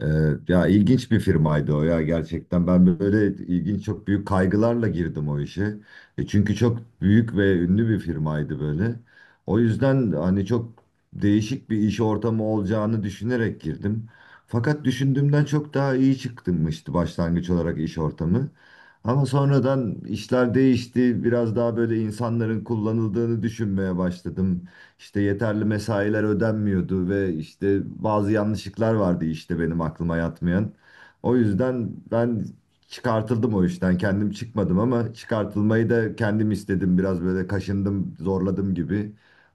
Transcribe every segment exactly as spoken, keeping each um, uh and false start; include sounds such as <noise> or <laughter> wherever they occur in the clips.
Ee, ya ilginç bir firmaydı o ya gerçekten. Ben böyle ilginç çok büyük kaygılarla girdim o işe. E çünkü çok büyük ve ünlü bir firmaydı böyle. O yüzden hani çok değişik bir iş ortamı olacağını düşünerek girdim. Fakat düşündüğümden çok daha iyi çıkmıştı başlangıç olarak iş ortamı. Ama sonradan işler değişti. Biraz daha böyle insanların kullanıldığını düşünmeye başladım, işte yeterli mesailer ödenmiyordu ve işte bazı yanlışlıklar vardı, işte benim aklıma yatmayan. O yüzden ben çıkartıldım o işten. Kendim çıkmadım ama çıkartılmayı da kendim istedim. Biraz böyle kaşındım, zorladım gibi.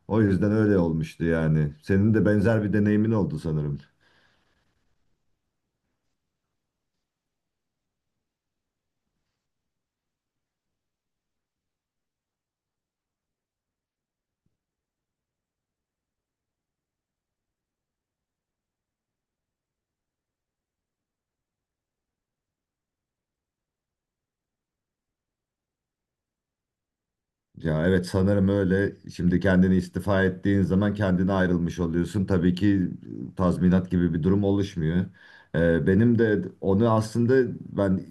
O yüzden öyle olmuştu yani. Senin de benzer bir deneyimin oldu sanırım. Ya evet sanırım öyle. Şimdi kendini istifa ettiğin zaman kendine ayrılmış oluyorsun. Tabii ki tazminat gibi bir durum oluşmuyor. Ee, benim de onu aslında ben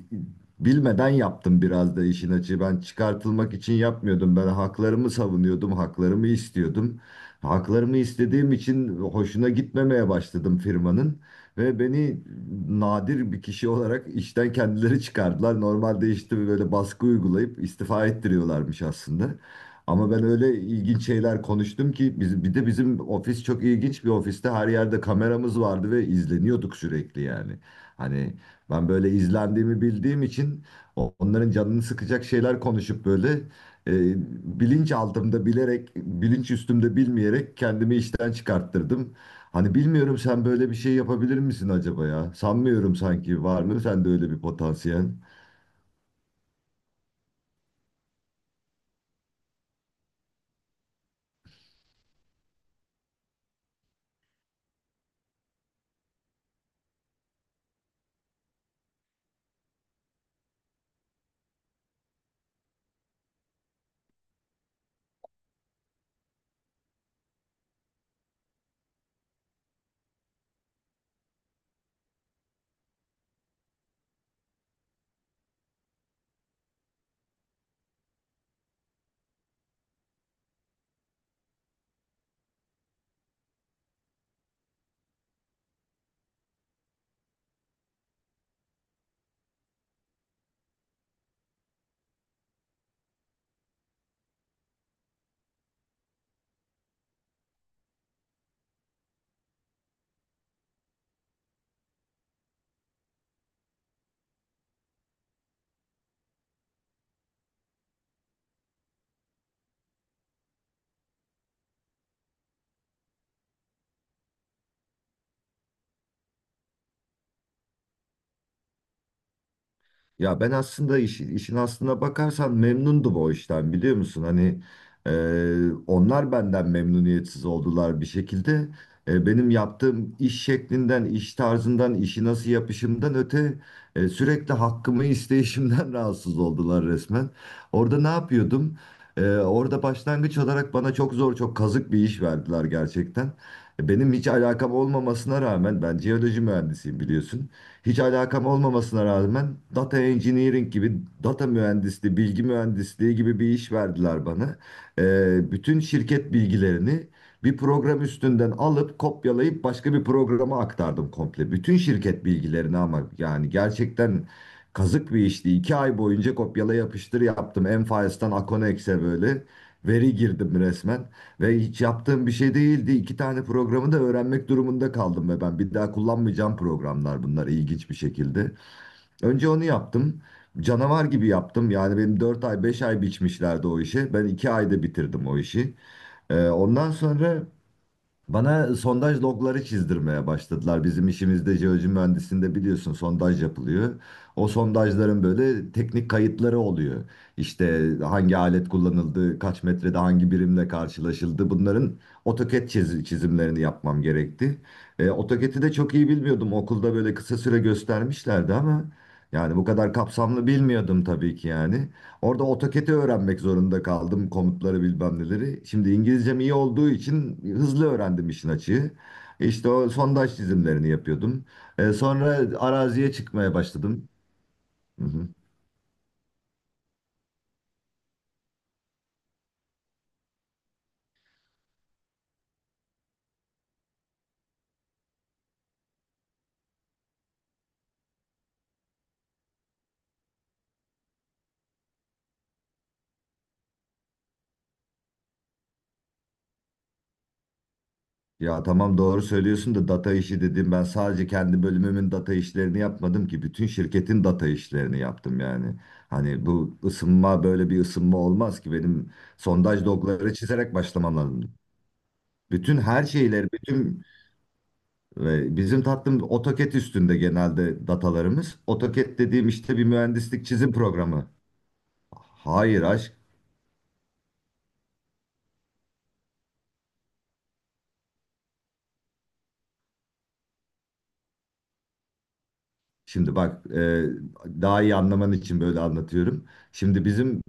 bilmeden yaptım biraz da işin açığı. Ben çıkartılmak için yapmıyordum. Ben haklarımı savunuyordum, haklarımı istiyordum. Haklarımı istediğim için hoşuna gitmemeye başladım firmanın. Ve beni nadir bir kişi olarak işten kendileri çıkardılar. Normalde işte böyle baskı uygulayıp istifa ettiriyorlarmış aslında. Ama ben öyle ilginç şeyler konuştum ki biz, bir de bizim ofis çok ilginç bir ofiste her yerde kameramız vardı ve izleniyorduk sürekli yani. Hani ben böyle izlendiğimi bildiğim için o- onların canını sıkacak şeyler konuşup böyle e, bilinç altımda bilerek, bilinç üstümde bilmeyerek kendimi işten çıkarttırdım. Hani bilmiyorum sen böyle bir şey yapabilir misin acaba ya? Sanmıyorum, sanki var mı sende öyle bir potansiyel? Ya ben aslında iş- işin aslına bakarsan memnundum o işten biliyor musun? Hani, e, onlar benden memnuniyetsiz oldular bir şekilde. E, benim yaptığım iş şeklinden, iş tarzından, işi nasıl yapışımdan öte, e, sürekli hakkımı isteyişimden <laughs> rahatsız oldular resmen. Orada ne yapıyordum? E, orada başlangıç olarak bana çok zor, çok kazık bir iş verdiler gerçekten. E, Benim hiç alakam olmamasına rağmen, ben jeoloji mühendisiyim biliyorsun, hiç alakam olmamasına rağmen data engineering gibi, data mühendisliği, bilgi mühendisliği gibi bir iş verdiler bana. Ee, bütün şirket bilgilerini bir program üstünden alıp kopyalayıp başka bir programa aktardım komple. Bütün şirket bilgilerini ama yani gerçekten kazık bir işti. İki ay boyunca kopyala yapıştır yaptım. M-Files'tan Aconex'e böyle veri girdim resmen. Ve hiç yaptığım bir şey değildi. İki tane programı da öğrenmek durumunda kaldım ve ben bir daha kullanmayacağım programlar bunlar, ilginç bir şekilde. Önce onu yaptım. Canavar gibi yaptım. Yani benim dört ay beş ay biçmişlerdi o işi. Ben iki ayda bitirdim o işi. Ee, ondan sonra bana sondaj logları çizdirmeye başladılar. Bizim işimizde, jeoloji mühendisliğinde biliyorsun, sondaj yapılıyor. O sondajların böyle teknik kayıtları oluyor. İşte hangi alet kullanıldı, kaç metrede hangi birimle karşılaşıldı. Bunların AutoCAD çiz- çizimlerini yapmam gerekti. E, AutoCAD'i de çok iyi bilmiyordum. Okulda böyle kısa süre göstermişlerdi ama yani bu kadar kapsamlı bilmiyordum tabii ki yani. Orada AutoCAD'i öğrenmek zorunda kaldım. Komutları, bilmem neleri. Şimdi İngilizcem iyi olduğu için hızlı öğrendim işin açığı. İşte o sondaj çizimlerini yapıyordum. E, sonra araziye çıkmaya başladım. Hı hı. Ya tamam, doğru söylüyorsun da data işi dedim. Ben sadece kendi bölümümün data işlerini yapmadım ki. Bütün şirketin data işlerini yaptım yani. Hani bu ısınma böyle bir ısınma olmaz ki. Benim sondaj logları çizerek başlamam lazım. Bütün her şeyleri, bütün ve bizim tatlım AutoCAD üstünde genelde datalarımız. AutoCAD dediğim işte bir mühendislik çizim programı. Hayır aşk. Şimdi bak, e, daha iyi anlaman için böyle anlatıyorum. Şimdi bizim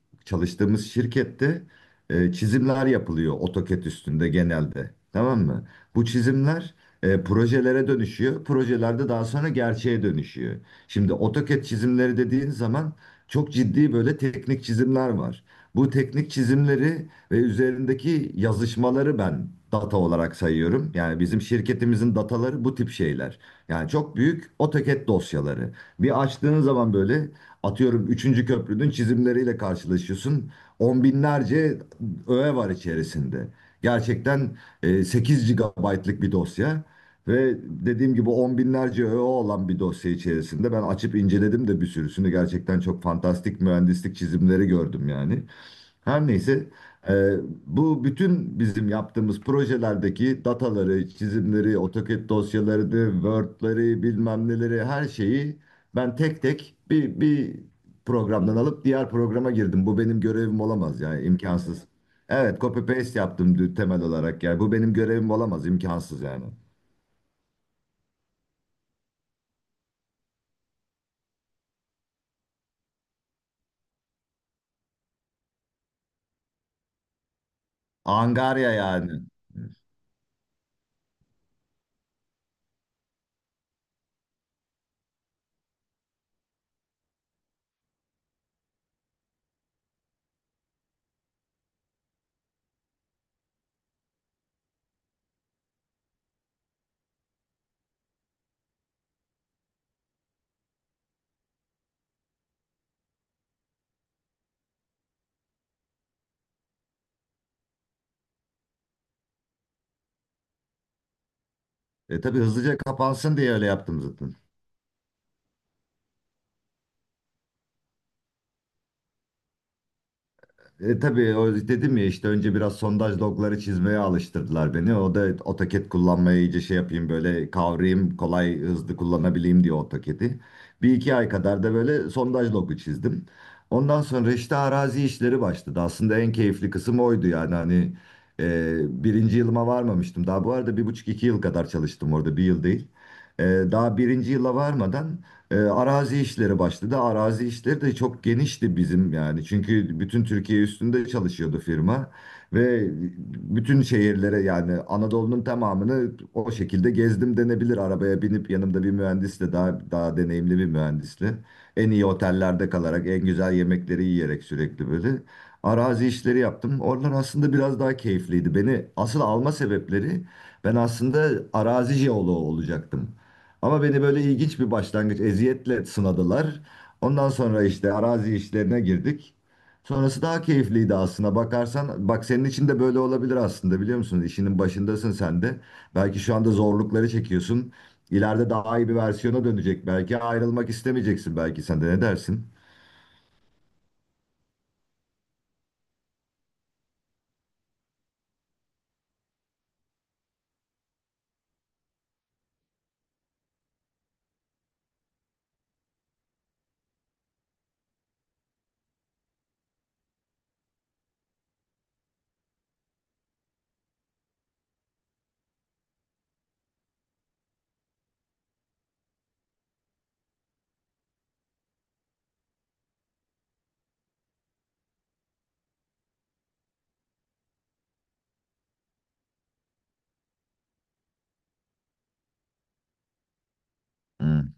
e, çalıştığımız şirkette e, çizimler yapılıyor AutoCAD üstünde genelde. Tamam mı? Bu çizimler e, projelere dönüşüyor. Projelerde daha sonra gerçeğe dönüşüyor. Şimdi AutoCAD çizimleri dediğin zaman çok ciddi böyle teknik çizimler var. Bu teknik çizimleri ve üzerindeki yazışmaları ben data olarak sayıyorum. Yani bizim şirketimizin dataları bu tip şeyler. Yani çok büyük AutoCAD dosyaları. Bir açtığın zaman böyle, atıyorum, üçüncü köprünün çizimleriyle karşılaşıyorsun. On binlerce öğe var içerisinde. Gerçekten e, sekiz gigabaytlık bir dosya. Ve dediğim gibi on binlerce öğe olan bir dosya içerisinde ben açıp inceledim de bir sürüsünü, gerçekten çok fantastik mühendislik çizimleri gördüm yani. Her neyse, e, bu bütün bizim yaptığımız projelerdeki dataları, çizimleri, AutoCAD dosyalarını, Word'leri, bilmem neleri, her şeyi ben tek tek bir, bir programdan alıp diğer programa girdim. Bu benim görevim olamaz yani, imkansız. Evet, copy paste yaptım dü- temel olarak yani. Bu benim görevim olamaz, imkansız yani. Angarya yani. E tabii hızlıca kapansın diye öyle yaptım zaten. E, tabii o dedim ya, işte önce biraz sondaj logları çizmeye alıştırdılar beni. O da AutoCAD kullanmayı iyice şey yapayım, böyle kavrayayım, kolay hızlı kullanabileyim diye AutoCAD'i. Bir iki ay kadar da böyle sondaj logu çizdim. Ondan sonra işte arazi işleri başladı. Aslında en keyifli kısım oydu yani, hani, e, birinci yılıma varmamıştım. Daha bu arada bir buçuk iki yıl kadar çalıştım orada, bir yıl değil. E, Daha birinci yıla varmadan e, arazi işleri başladı. Arazi işleri de çok genişti bizim yani. Çünkü bütün Türkiye üstünde çalışıyordu firma ve bütün şehirlere, yani Anadolu'nun tamamını o şekilde gezdim denebilir. Arabaya binip yanımda bir mühendisle, daha daha deneyimli bir mühendisle, en iyi otellerde kalarak, en güzel yemekleri yiyerek, sürekli böyle arazi işleri yaptım. Oralar aslında biraz daha keyifliydi. Beni asıl alma sebepleri, ben aslında arazi jeoloğu olacaktım. Ama beni böyle ilginç bir başlangıç eziyetle sınadılar. Ondan sonra işte arazi işlerine girdik. Sonrası daha keyifliydi aslında. Bakarsan bak, senin için de böyle olabilir aslında biliyor musun? İşinin başındasın sen de. Belki şu anda zorlukları çekiyorsun. İleride daha iyi bir versiyona dönecek belki. Ayrılmak istemeyeceksin belki sen de, ne dersin? Hmm,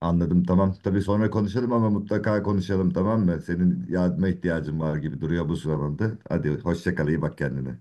anladım, tamam. Tabii sonra konuşalım ama mutlaka konuşalım, tamam mı? Senin yardıma ihtiyacın var gibi duruyor bu sıralarda. Hadi hoşça kal, iyi bak kendine.